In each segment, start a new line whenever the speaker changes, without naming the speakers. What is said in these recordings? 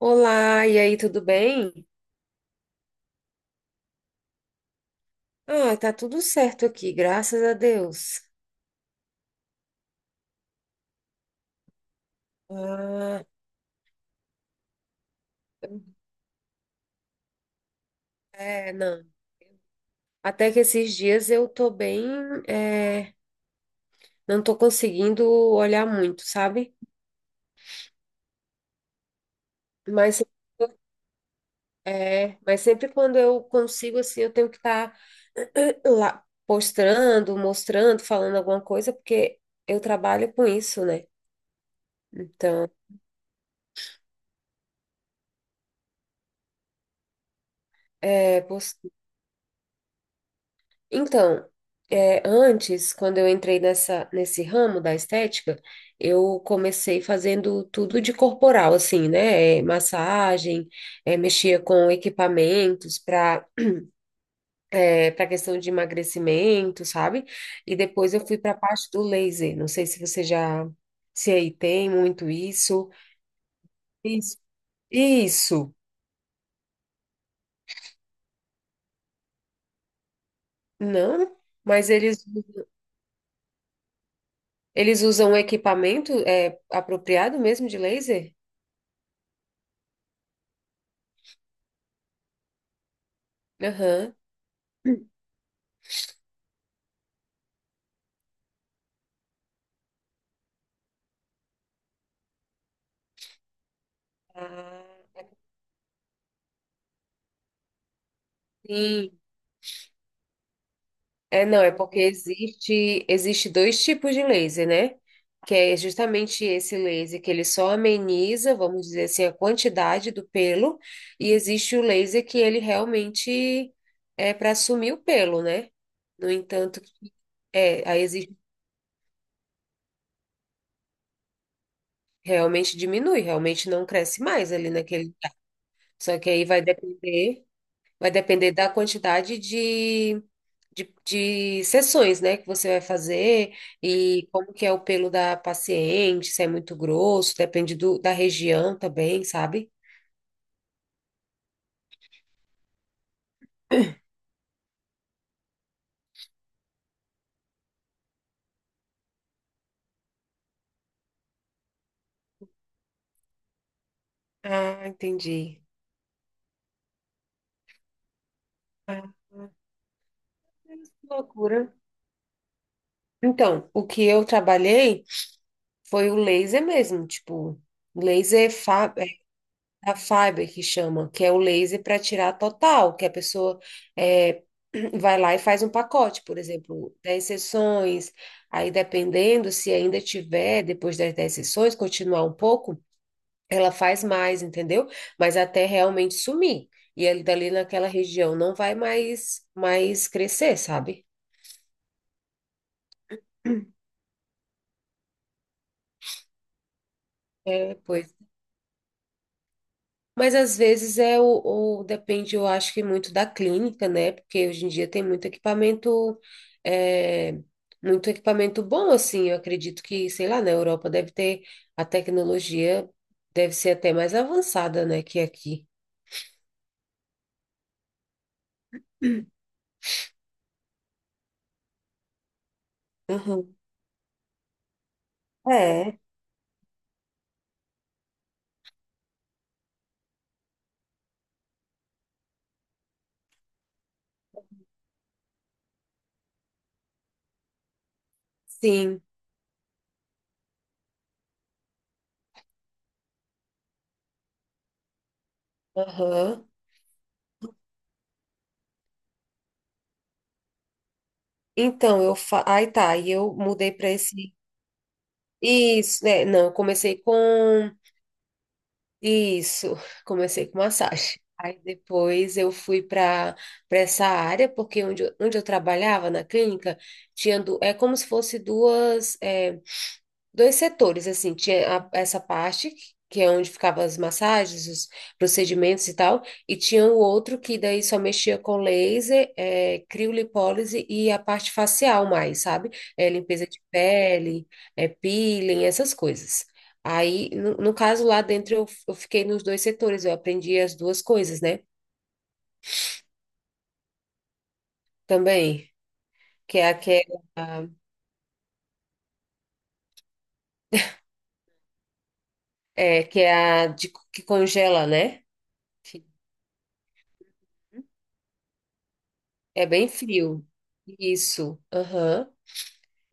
Olá, e aí, tudo bem? Ah, tá tudo certo aqui, graças a Deus. Ah, é, não. Até que esses dias eu tô bem, é, não tô conseguindo olhar muito, sabe? Mas, mas sempre quando eu consigo, assim, eu tenho que estar lá postando, mostrando, falando alguma coisa, porque eu trabalho com isso, né? Então, é, pos. Então, antes, quando eu entrei nessa, nesse ramo da estética, eu comecei fazendo tudo de corporal, assim, né? Massagem, mexia com equipamentos para questão de emagrecimento, sabe? E depois eu fui para a parte do laser. Não sei se você já, se aí tem muito isso. Isso. Isso. Não, mas eles usam equipamento apropriado mesmo de laser? Aham. Ah. Sim, é não, é porque existe dois tipos de laser, né? Que é justamente esse laser que ele só ameniza, vamos dizer assim, a quantidade do pelo, e existe o laser que ele realmente é para sumir o pelo, né? No entanto, é, aí existe, realmente diminui, realmente não cresce mais ali naquele. Só que aí vai depender. Vai depender da quantidade de sessões, né, que você vai fazer e como que é o pelo da paciente, se é muito grosso, depende do, da região também, sabe? Ah, entendi. Ah, que loucura. Então, o que eu trabalhei foi o laser mesmo, tipo, laser fa A fiber que chama, que é o laser para tirar total, que a pessoa é, vai lá e faz um pacote, por exemplo, 10 sessões, aí dependendo se ainda tiver, depois das 10 sessões, continuar um pouco, ela faz mais, entendeu? Mas até realmente sumir. E ali dali naquela região não vai mais crescer, sabe? É, pois. Mas às vezes é o- depende, eu acho que muito da clínica, né? Porque hoje em dia tem muito equipamento, é, muito equipamento bom, assim. Eu acredito que, sei lá, na Europa deve ter a tecnologia, deve ser até mais avançada, né, que aqui. Uhum. É, sim. Aham. Então, aí tá, e eu mudei para esse. Isso, né? Não, eu comecei com isso, comecei com massagem. Aí depois eu fui para essa área, porque onde eu trabalhava na clínica, é como se fosse duas. Dois setores, assim, essa parte, que é onde ficavam as massagens, os procedimentos e tal, e tinha o outro que daí só mexia com laser, criolipólise e a parte facial mais, sabe? É, limpeza de pele, peeling, essas coisas. Aí, no caso lá dentro, eu fiquei nos dois setores, eu aprendi as duas coisas, né? Também, que é aquela, que é a de, que congela, né? Que é bem frio. Isso, aham.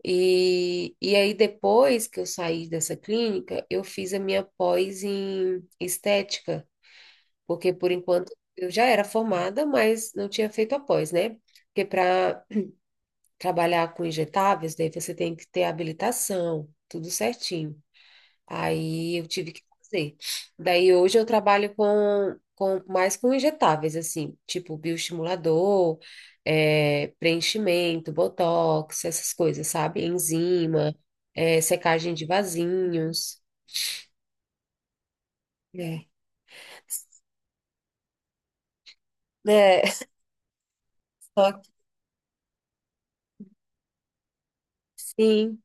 E aí, depois que eu saí dessa clínica, eu fiz a minha pós em estética, porque por enquanto eu já era formada, mas não tinha feito a pós, né? Porque para trabalhar com injetáveis, daí você tem que ter habilitação, tudo certinho. Aí eu tive que fazer. Daí hoje eu trabalho com mais com injetáveis, assim, tipo bioestimulador, preenchimento, botox, essas coisas, sabe? Enzima, secagem de vasinhos. É. É, só que sim.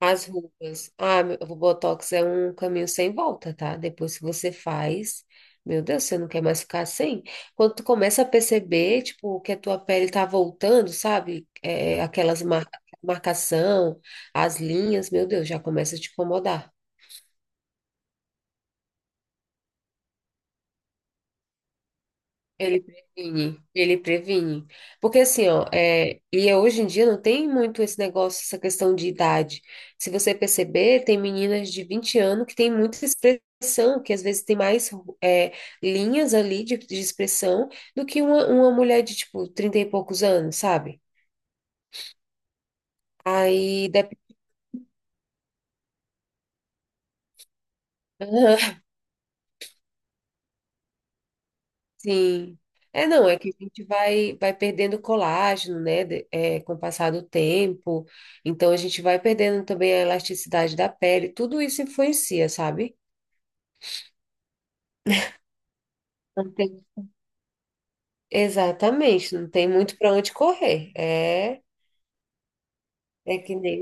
As rugas. Ah, o Botox é um caminho sem volta, tá? Depois que você faz, meu Deus, você não quer mais ficar sem. Quando tu começa a perceber, tipo, que a tua pele tá voltando, sabe? Aquelas marcação, as linhas, meu Deus, já começa a te incomodar. Ele previne, ele previne. Porque assim, ó, é hoje em dia não tem muito esse negócio, essa questão de idade. Se você perceber, tem meninas de 20 anos que têm muita expressão, que às vezes tem mais é, linhas ali de expressão do que uma mulher de, tipo, 30 e poucos anos, sabe? Aí depende. Sim. É, não, é que a gente vai perdendo colágeno, né, com o passar do tempo. Então, a gente vai perdendo também a elasticidade da pele. Tudo isso influencia, sabe? Não tem. Exatamente, não tem muito para onde correr. É, é que nem.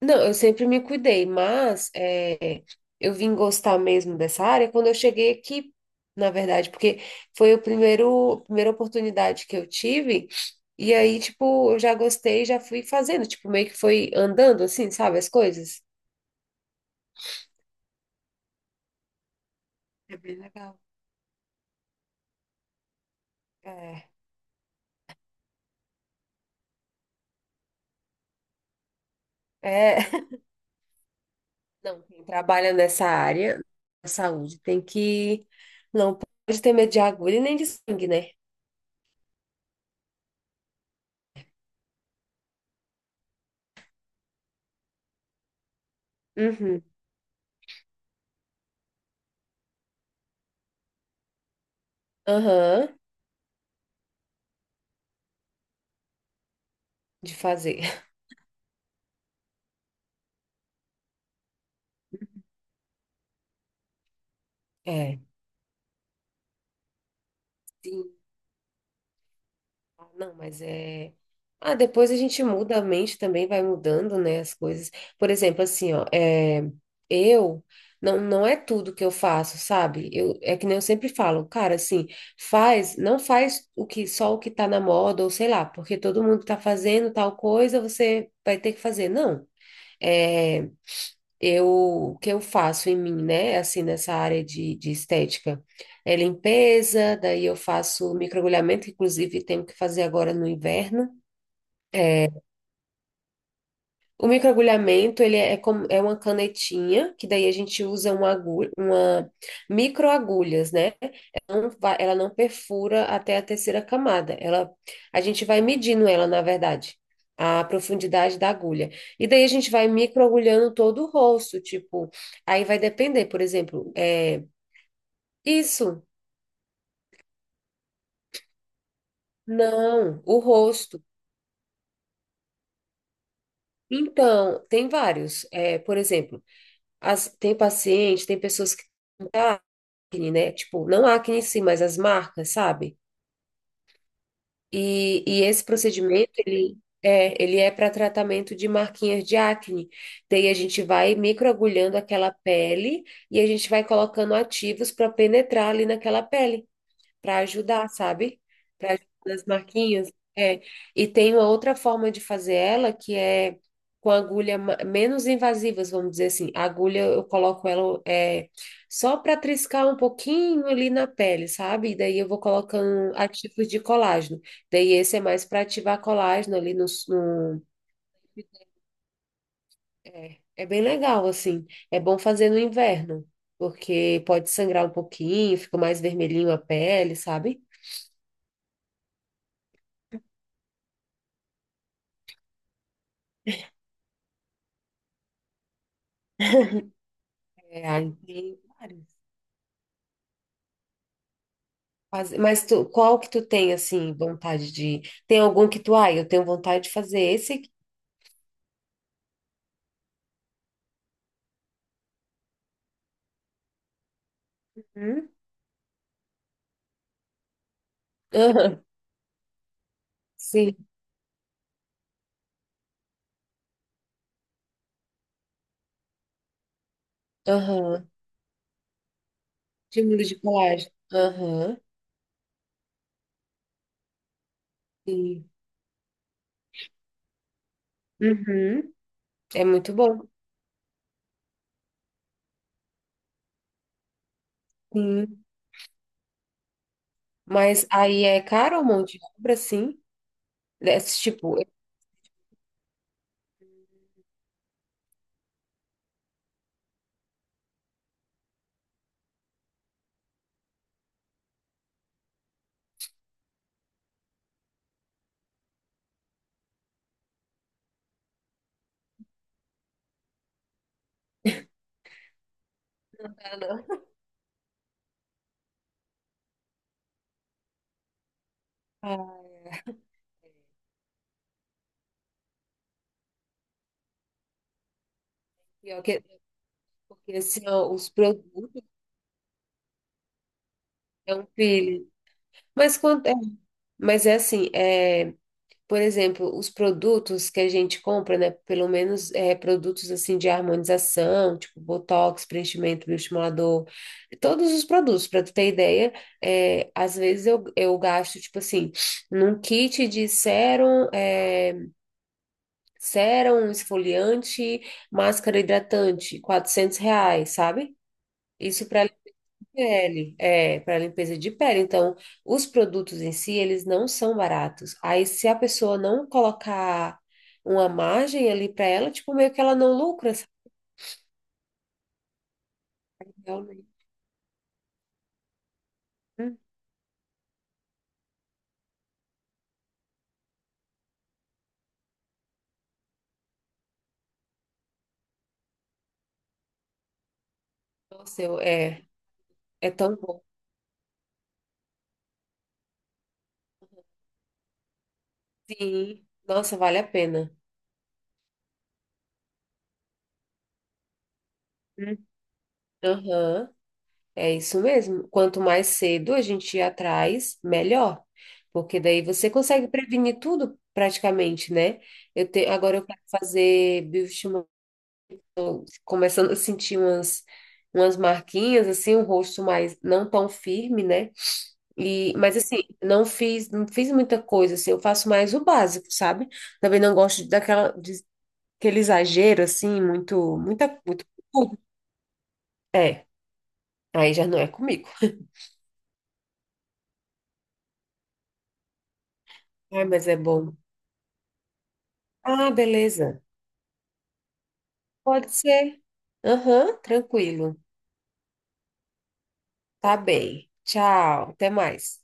Não, eu sempre me cuidei, mas eu vim gostar mesmo dessa área quando eu cheguei aqui, na verdade, porque foi o primeiro, a primeira oportunidade que eu tive, e aí, tipo, eu já gostei, já fui fazendo, tipo, meio que foi andando, assim, sabe, as coisas. É bem legal. É, é, não, quem trabalha nessa área da saúde tem que, não pode ter medo de agulha nem de sangue, né? Uhum, aham, de fazer. É. Ah, não, mas é. Ah, depois a gente muda a mente também, vai mudando, né, as coisas. Por exemplo, assim, ó, eu não é tudo que eu faço, sabe? É que nem eu sempre falo, cara, assim, faz, não faz o que só o que tá na moda, ou sei lá, porque todo mundo tá fazendo tal coisa, você vai ter que fazer. Não. É, o que eu faço em mim, né? Assim, nessa área de estética. É limpeza, daí eu faço microagulhamento, inclusive tenho que fazer agora no inverno. O microagulhamento, ele é, como, é uma canetinha, que daí a gente usa uma agulha, uma microagulhas, né? Ela não perfura até a terceira camada. A gente vai medindo ela, na verdade, a profundidade da agulha. E daí a gente vai microagulhando todo o rosto, tipo, aí vai depender, por exemplo, isso, não, o rosto. Então, tem vários. Por exemplo, tem paciente, tem pessoas acne, né? Tipo, não a acne em si, mas as marcas, sabe? E esse procedimento, ele é para tratamento de marquinhas de acne. Daí a gente vai microagulhando aquela pele e a gente vai colocando ativos para penetrar ali naquela pele para ajudar, sabe? Para ajudar as marquinhas. É. E tem uma outra forma de fazer ela que é com agulha menos invasivas, vamos dizer assim. A agulha eu coloco ela só para triscar um pouquinho ali na pele, sabe? E daí eu vou colocando ativos de colágeno. Daí esse é mais para ativar colágeno ali no. É bem legal, assim. É bom fazer no inverno, porque pode sangrar um pouquinho, fica mais vermelhinho a pele, sabe? É, aí tem vários. Mas tu, qual que tu tem, assim, vontade de... Tem algum que tu, eu tenho vontade de fazer esse aqui. Hum? Aham, sim, aham. De mundo de colagem. Aham, sim. Uhum. É muito bom, sim. Mas aí é caro um monte de obra, sim? Desse tipo... Ah, pior que, porque assim, ó, os produtos é um filho. Mas, quando, mas é assim, é. Por exemplo, os produtos que a gente compra, né? Pelo menos produtos assim de harmonização, tipo botox, preenchimento, bioestimulador, todos os produtos, para tu ter ideia, às vezes eu gasto, tipo assim, num kit de sérum, sérum, esfoliante, máscara hidratante, R$ 400, sabe? Isso para limpeza de pele. Então, os produtos em si, eles não são baratos. Aí, se a pessoa não colocar uma margem ali para ela, tipo, meio que ela não lucra, sabe? Realmente. Hum. Nossa, é tão bom. Sim. Nossa, vale a pena. Hum. Aham, é isso mesmo. Quanto mais cedo a gente ir atrás, melhor. Porque daí você consegue prevenir tudo praticamente, né? Agora eu quero fazer começando a sentir umas marquinhas, assim, um rosto mais não tão firme, né? E, mas assim, não fiz muita coisa, assim, eu faço mais o básico, sabe? Também não gosto aquele exagero, assim, muito, muita, muito, é, aí já não é comigo. Ai, mas é bom. Ah, beleza. Pode ser. Aham, tranquilo. Tá bem. Tchau, até mais.